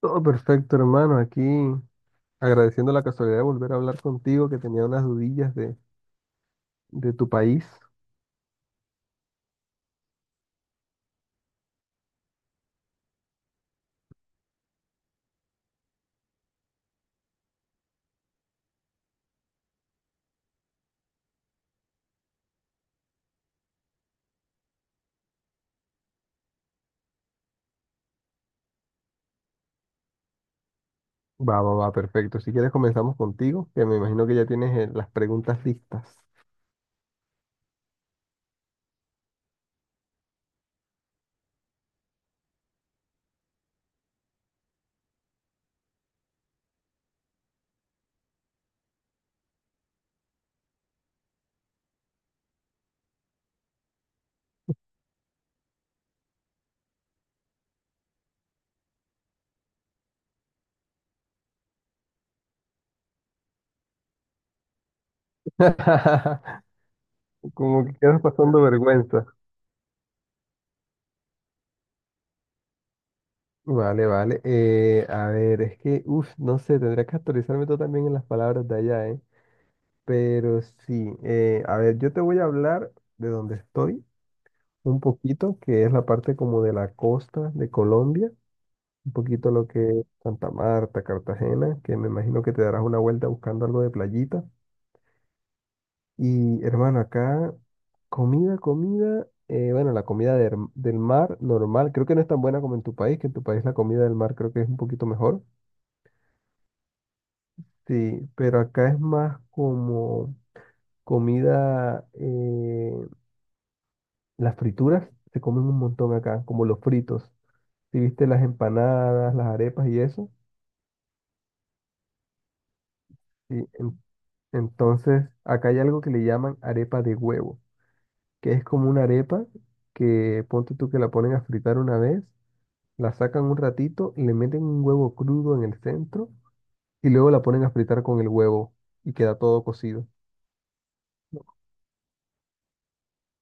Todo perfecto, hermano. Aquí agradeciendo la casualidad de volver a hablar contigo, que tenía unas dudillas de tu país. Perfecto. Si quieres comenzamos contigo, que me imagino que ya tienes las preguntas listas. Como que quedas pasando vergüenza. Vale. A ver, es que, uff, no sé, tendría que actualizarme tú también en las palabras de allá, ¿eh? Pero sí, a ver, yo te voy a hablar de donde estoy un poquito, que es la parte como de la costa de Colombia. Un poquito lo que es Santa Marta, Cartagena, que me imagino que te darás una vuelta buscando algo de playita. Y hermano, acá comida, bueno, la comida del mar normal, creo que no es tan buena como en tu país, que en tu país la comida del mar creo que es un poquito mejor. Sí, pero acá es más como comida, las frituras se comen un montón acá, como los fritos. Si viste las empanadas, las arepas y eso. Sí. Entonces, acá hay algo que le llaman arepa de huevo, que es como una arepa que ponte tú que la ponen a fritar una vez, la sacan un ratito, le meten un huevo crudo en el centro y luego la ponen a fritar con el huevo y queda todo cocido.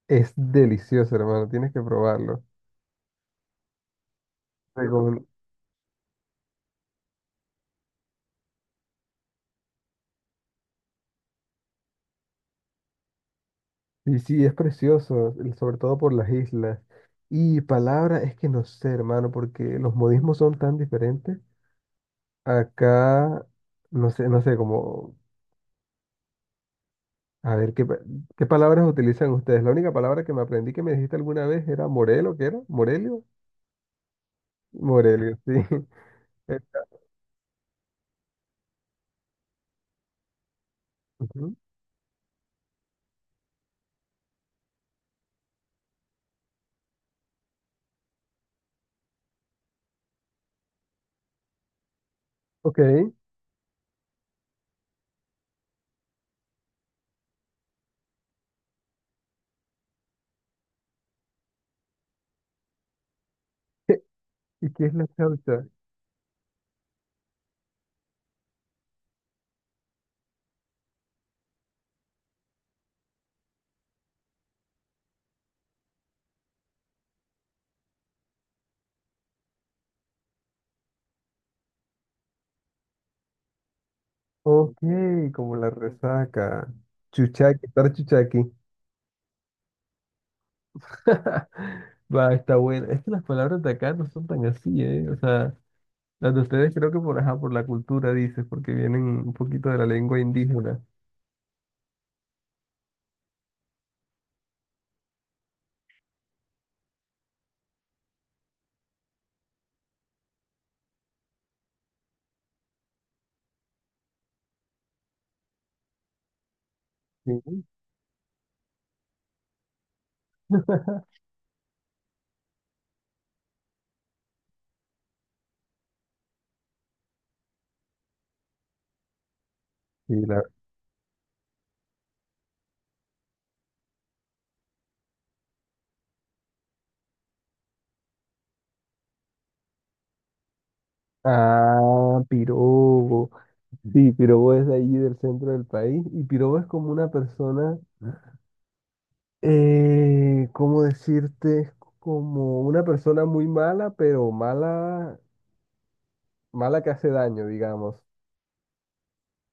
Es delicioso, hermano, tienes que probarlo. Recomen- Y sí, es precioso, sobre todo por las islas. Y palabra, es que no sé, hermano, porque los modismos son tan diferentes. Acá, no sé, como a ver, ¿qué palabras utilizan ustedes? La única palabra que me aprendí que me dijiste alguna vez era Morelo, ¿qué era? ¿Morelio? Morelio, sí. Eh, ujú. Ok. ¿Y qué es la chaucha? Ok, como la resaca. Chuchaqui, estar chuchaqui. Va, está buena. Es que las palabras de acá no son tan así, ¿eh? O sea, las de ustedes creo que por, ajá, por la cultura, dices, porque vienen un poquito de la lengua indígena. Sí. Sí, la... Ah, pirobo. Sí, Pirobo es de allí del centro del país y Pirobo es como una persona, ¿cómo decirte? Es como una persona muy mala, pero mala, mala que hace daño, digamos.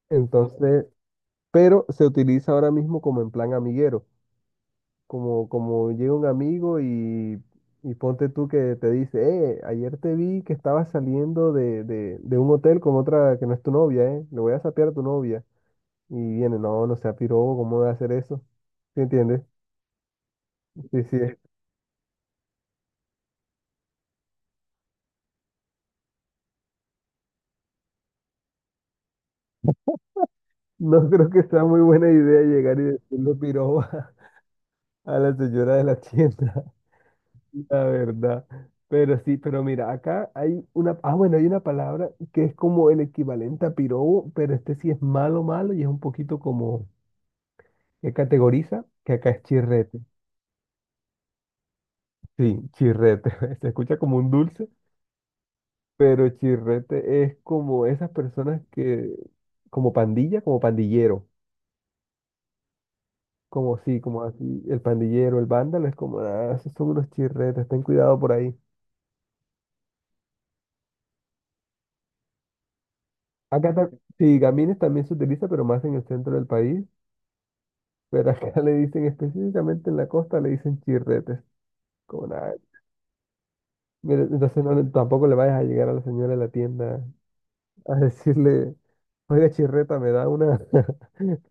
Entonces, pero se utiliza ahora mismo como en plan amiguero, como llega un amigo y ponte tú que te dice, ayer te vi que estabas saliendo de un hotel con otra que no es tu novia, le voy a sapear a tu novia. Y viene, no, no sea Pirobo, ¿cómo va a hacer eso? ¿Sí entiendes? Sí, sí. No creo que sea muy buena idea llegar y decirle piroba a la señora de la tienda, la verdad. Pero sí, pero mira, acá hay una, ah, bueno, hay una palabra que es como el equivalente a pirobo, pero este sí es malo, malo y es un poquito como que categoriza, que acá es chirrete. Sí, chirrete. Se escucha como un dulce, pero chirrete es como esas personas que, como pandilla, como pandillero. Como sí, como así, el pandillero, el vándalo, es como, ah, esos son unos chirretes, ten cuidado por ahí. Acá ta- sí, gamines también se utiliza, pero más en el centro del país, pero acá le dicen específicamente en la costa, le dicen chirretes. Como nada, mira, entonces no, tampoco le vayas a llegar a la señora de la tienda a decirle, oiga chirreta, me da una,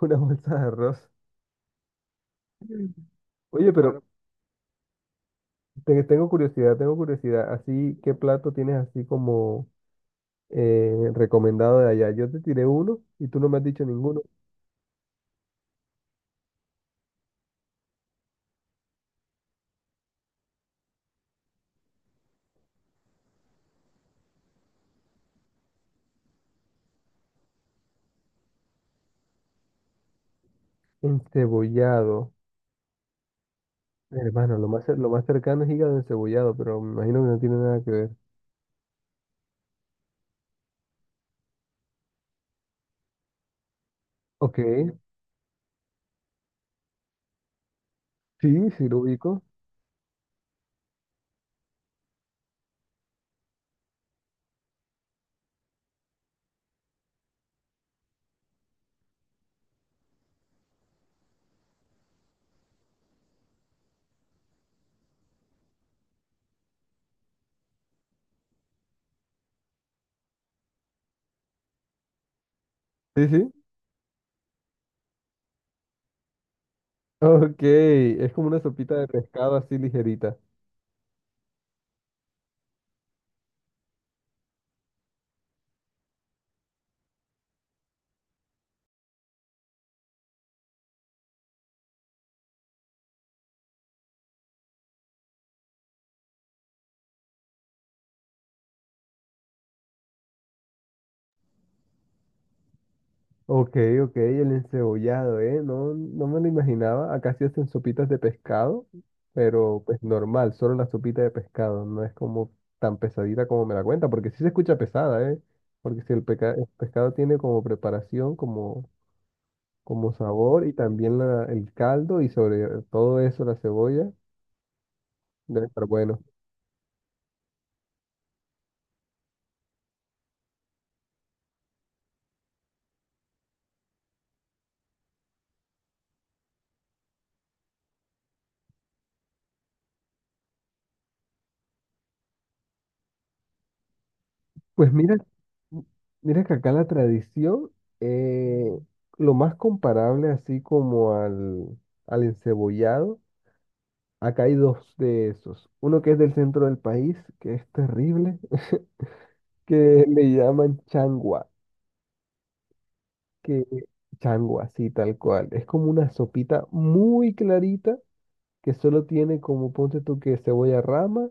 una bolsa de arroz. Oye, pero claro, tengo curiosidad, así, ¿qué plato tienes así como... recomendado de allá? Yo te tiré uno y tú no me has dicho ninguno. Encebollado. Hermano, lo más cercano es hígado encebollado, pero me imagino que no tiene nada que ver. Ok, sí, sí lo ubico. Sí, sí. Ok, es como una sopita de pescado así ligerita. Ok, ok, el encebollado, ¿eh? No, no me lo imaginaba. Acá se hacen sopitas de pescado, pero pues normal, solo la sopita de pescado. No es como tan pesadita como me la cuenta, porque sí se escucha pesada, ¿eh? Porque si el pescado tiene como preparación, como, como sabor y también el caldo y sobre todo eso la cebolla, debe estar bueno. Pues mira, m- mira que acá la tradición, eh, lo más comparable así como al encebollado. Acá hay dos de esos. Uno que es del centro del país, que es terrible, que le llaman changua, que changua, sí, tal cual. Es como una sopita muy clarita que solo tiene como, ponte tú que cebolla rama,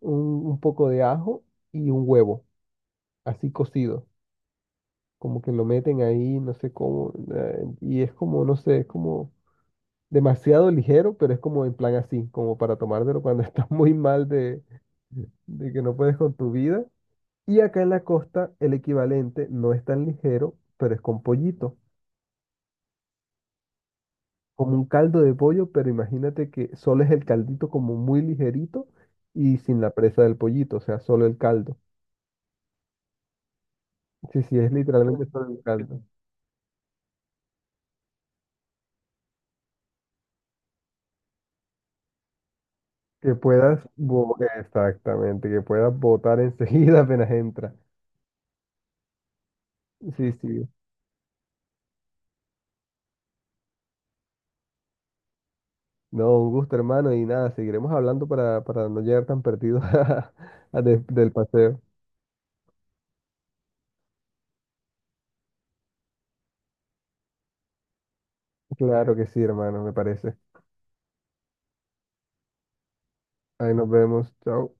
un poco de ajo y un huevo, así cocido. Como que lo meten ahí, no sé cómo, y es como, no sé, es como demasiado ligero, pero es como en plan así, como para tomártelo cuando estás muy mal de que no puedes con tu vida. Y acá en la costa el equivalente no es tan ligero, pero es con pollito, como un caldo de pollo, pero imagínate que solo es el caldito como muy ligerito y sin la presa del pollito, o sea, solo el caldo. Sí, sí, es literalmente solo el caldo. Exactamente, que puedas botar enseguida apenas entra. Sí, sí. No, un gusto, hermano, y nada, seguiremos hablando para no llegar tan perdidos a del paseo. Claro que sí, hermano, me parece. Ahí nos vemos, chao.